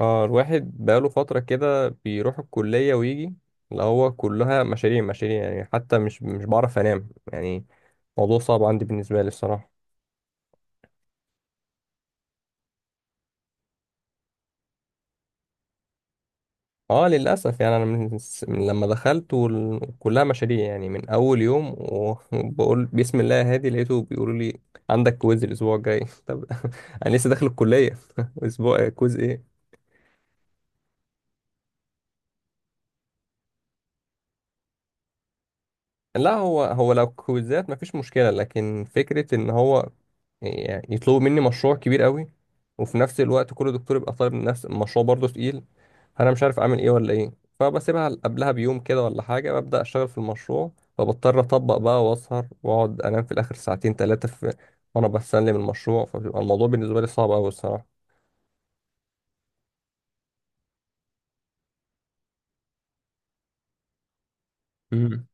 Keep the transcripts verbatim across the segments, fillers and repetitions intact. اه، الواحد بقاله فترة كده بيروح الكلية ويجي، اللي هو كلها مشاريع مشاريع يعني. حتى مش مش بعرف انام يعني. موضوع صعب عندي بالنسبة لي الصراحة. اه للأسف يعني أنا من, س- من لما دخلت وال- كلها مشاريع يعني من أول يوم و- وبقول بسم الله يا هادي. لقيته بيقولوا لي عندك كويز الأسبوع الجاي. طب أنا لسه داخل الكلية، أسبوع كويز إيه؟ لا، هو هو لو كويزات مفيش مشكلة، لكن فكرة ان هو يعني يطلبوا مني مشروع كبير قوي وفي نفس الوقت كل دكتور يبقى طالب نفس المشروع برضه تقيل. فانا مش عارف اعمل ايه ولا ايه. فبسيبها قبلها بيوم كده ولا حاجة، ببدأ اشتغل في المشروع. فبضطر اطبق بقى واسهر واقعد انام في الاخر ساعتين ثلاثة في وانا بسلم المشروع. فبيبقى الموضوع بالنسبة لي صعب قوي الصراحة. مم.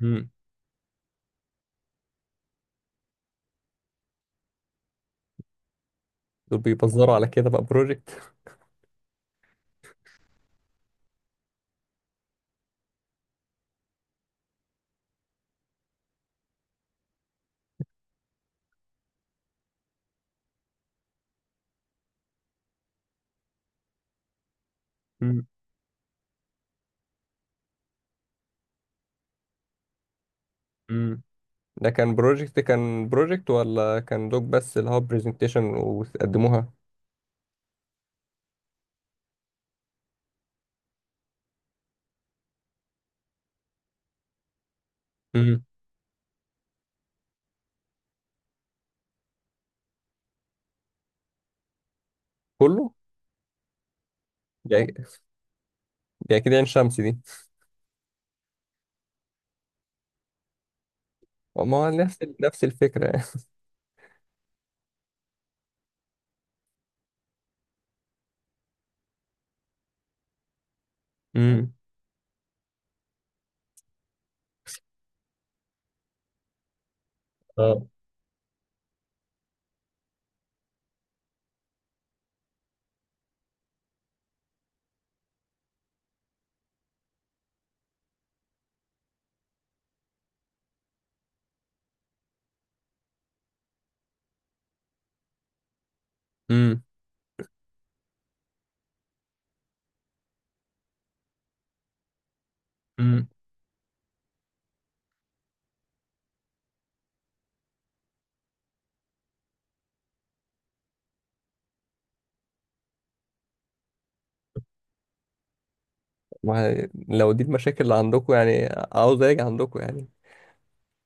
مم. دول بيبزروا على كده بقى بروجكت. ده كان بروجكت، كان بروجكت ولا كان دوك بس اللي هو برزنتيشن وقدموها؟ امم. كله يعني. يعني كده عين شمس دي؟ ما هو نفس نفس الفكرة يعني. امم. اه. امم. امم. ما هي- لو دي المشاكل اللي عندكم، يعني عاوز اجي عندكم يعني.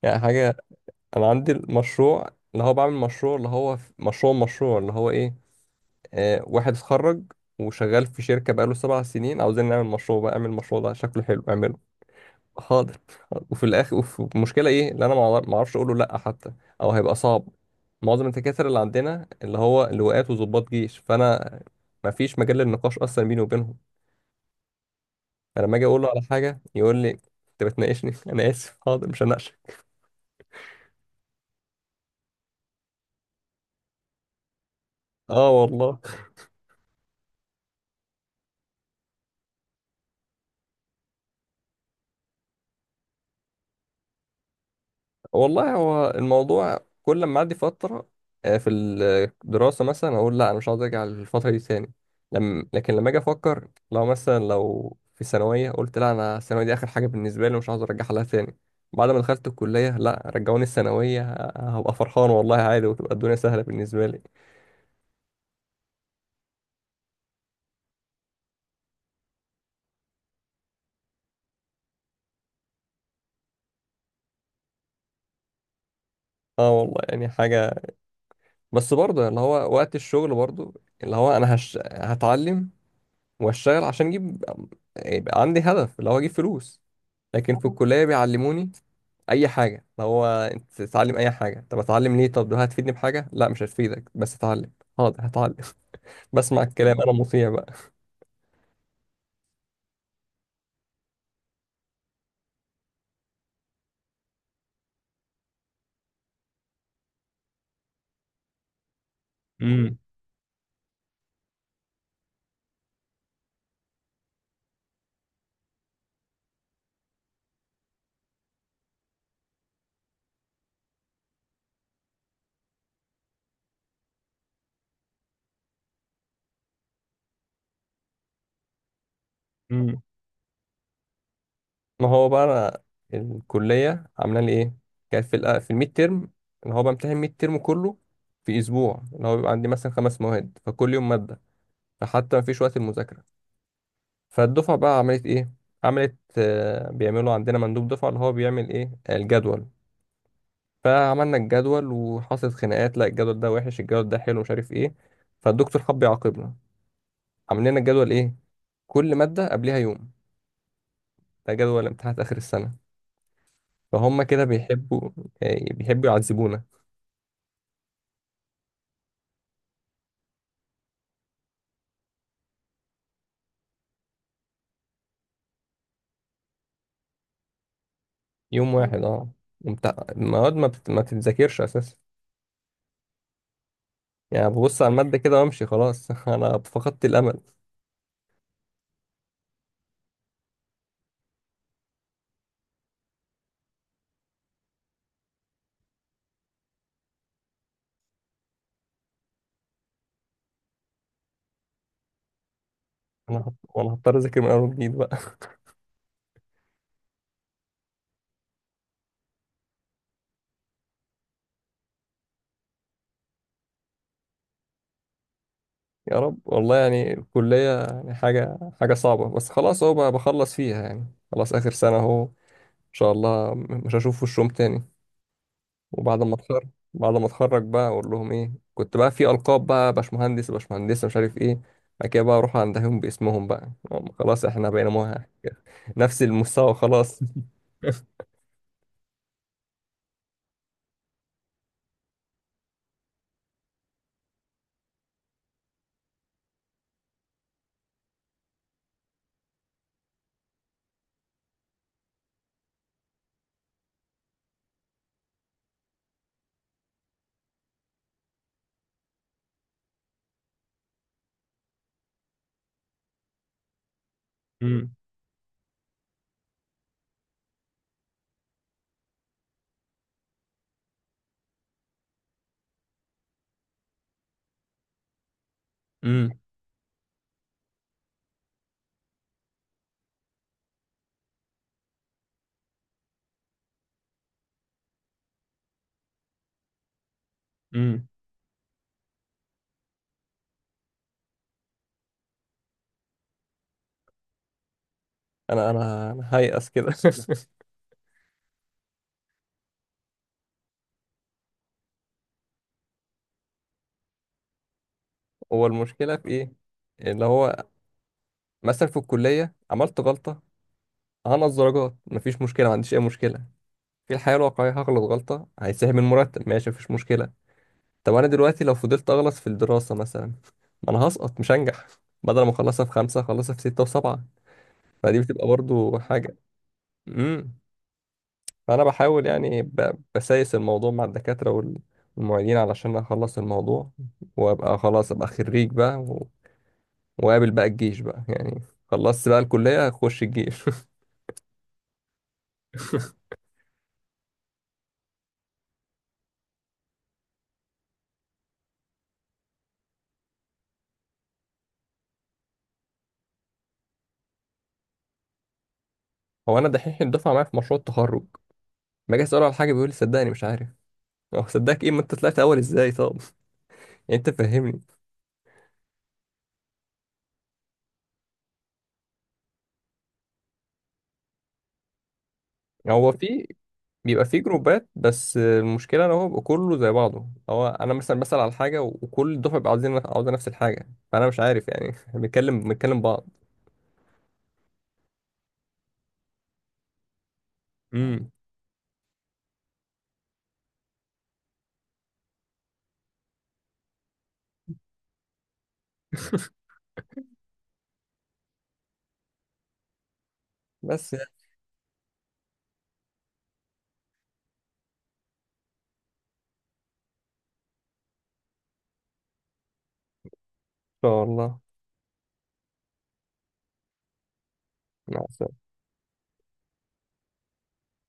يعني حاجة. انا عندي المشروع اللي هو بعمل مشروع اللي هو ف- مشروع مشروع اللي هو ايه، آه واحد اتخرج وشغال في شركة بقاله سبع سنين، عاوزين نعمل مشروع بقى. اعمل المشروع ده شكله حلو، اعمله. حاضر. حاضر. وفي الاخر، وفي المشكله ايه؟ اللي انا ما أعرف- ما اعرفش اقوله لا حتى، او هيبقى صعب. معظم الدكاتره اللي عندنا اللي هو لواءات وضباط جيش، فانا ما فيش مجال للنقاش اصلا بيني وبينهم. فلما اجي اقول له على حاجه يقول لي انت بتناقشني؟ انا اسف، حاضر، مش هناقشك. اه والله. والله هو الموضوع كل ما اعدي فتره، آه، في الدراسه مثلا، اقول لا انا مش عاوز ارجع للفتره دي تاني. لم... لكن لما اجي افكر، لو مثلا لو في ثانويه قلت لا، انا الثانويه دي اخر حاجه بالنسبه لي ومش عاوز ارجعها لها تاني، بعد ما دخلت الكليه، لا، رجعوني الثانويه ه- هبقى فرحان والله عادي وتبقى الدنيا سهله بالنسبه لي. اه والله يعني حاجه. بس برضه اللي هو وقت الشغل برضه اللي هو انا هش... هتعلم واشتغل عشان اجيب، يبقى عندي هدف اللي هو اجيب فلوس. لكن في الكلية بيعلموني أي حاجة، اللي هو أنت تتعلم أي حاجة. طب أتعلم ليه؟ طب ده هتفيدني بحاجة؟ لا، مش هتفيدك، بس أتعلم. حاضر، هتعلم. بسمع الكلام، أنا مطيع بقى. امم. امم. ما هو بقى أنا الكلية عاملة لي إيه، كانت في الأ- في الميد تيرم اللي هو بمتحن الميد تيرم كله في أسبوع، اللي هو بيبقى عندي مثلا خمس مواد فكل يوم مادة، فحتى مفيش وقت المذاكرة. فالدفعة بقى عملت إيه؟ عملت آه، بيعملوا عندنا مندوب دفعة اللي هو بيعمل إيه الجدول. فعملنا الجدول وحصلت خناقات، لا الجدول ده وحش، الجدول ده حلو، مش عارف ايه. فالدكتور حب يعاقبنا، عامل لنا الجدول ايه؟ كل مادة قبلها يوم، ده جدول امتحانات آخر السنة. فهم كده بيحبوا آه، بيحبوا يعذبونا. يوم واحد اه. ومت- المواد ما, بت... ما بتتذاكرش أساسا. يعني ببص على المادة كده وأمشي خلاص. أنا فقدت الأمل. أنا هط- وأنا هضطر أذاكر من أول وجديد بقى. يا رب والله، يعني الكلية يعني حاجة حاجة صعبة. بس خلاص أهو بقى بخلص فيها يعني، خلاص آخر سنة أهو، شاء الله م- مش هشوف وشهم تاني. وبعد ما اتخرج، بعد ما اتخرج بقى اقول لهم ايه، كنت بقى في القاب بقى، باشمهندس باشمهندسه مش عارف ايه. بعد كده بقى اروح عندهم باسمهم بقى، هم خلاص احنا بقينا مه... نفس المستوى خلاص. امم. امم. امم. انا انا أنا هيأس كده. هو المشكله في ايه؟ اللي هو مثلا في الكليه عملت غلطه هنقص درجات مفيش مشكله، ما عنديش اي مشكله. في الحياه الواقعيه هغلط غلطه هيتسحب من المرتب، ماشي مفيش مشكله. طب انا دلوقتي لو فضلت اغلط في الدراسه مثلا ما انا هسقط مش هنجح، بدل ما اخلصها في خمسه اخلصها في سته وسبعه، فدي بتبقى برضو حاجه. امم. فانا بحاول يعني ب- بسايس الموضوع مع الدكاتره وال- والمعيدين علشان اخلص الموضوع وابقى خلاص ابقى خريج بقى و- واقابل بقى الجيش بقى، يعني خلصت بقى الكليه اخش الجيش. هو انا دحيح الدفعه معايا في مشروع التخرج، ما اجي اساله على حاجه بيقول لي صدقني مش عارف. هو صدقك ايه، ما انت طلعت اول ازاي طب؟ يعني انت فهمني. هو في، بيبقى في جروبات بس المشكله ان هو بيبقى كله زي بعضه، هو انا مثلا بسال على حاجه وكل الدفعه بيبقى عاوزين عاوزه نفس الحاجه، فانا مش عارف يعني. بنتكلم بنتكلم بعض. امم. بس يعني ان شاء الله. مع السلامه.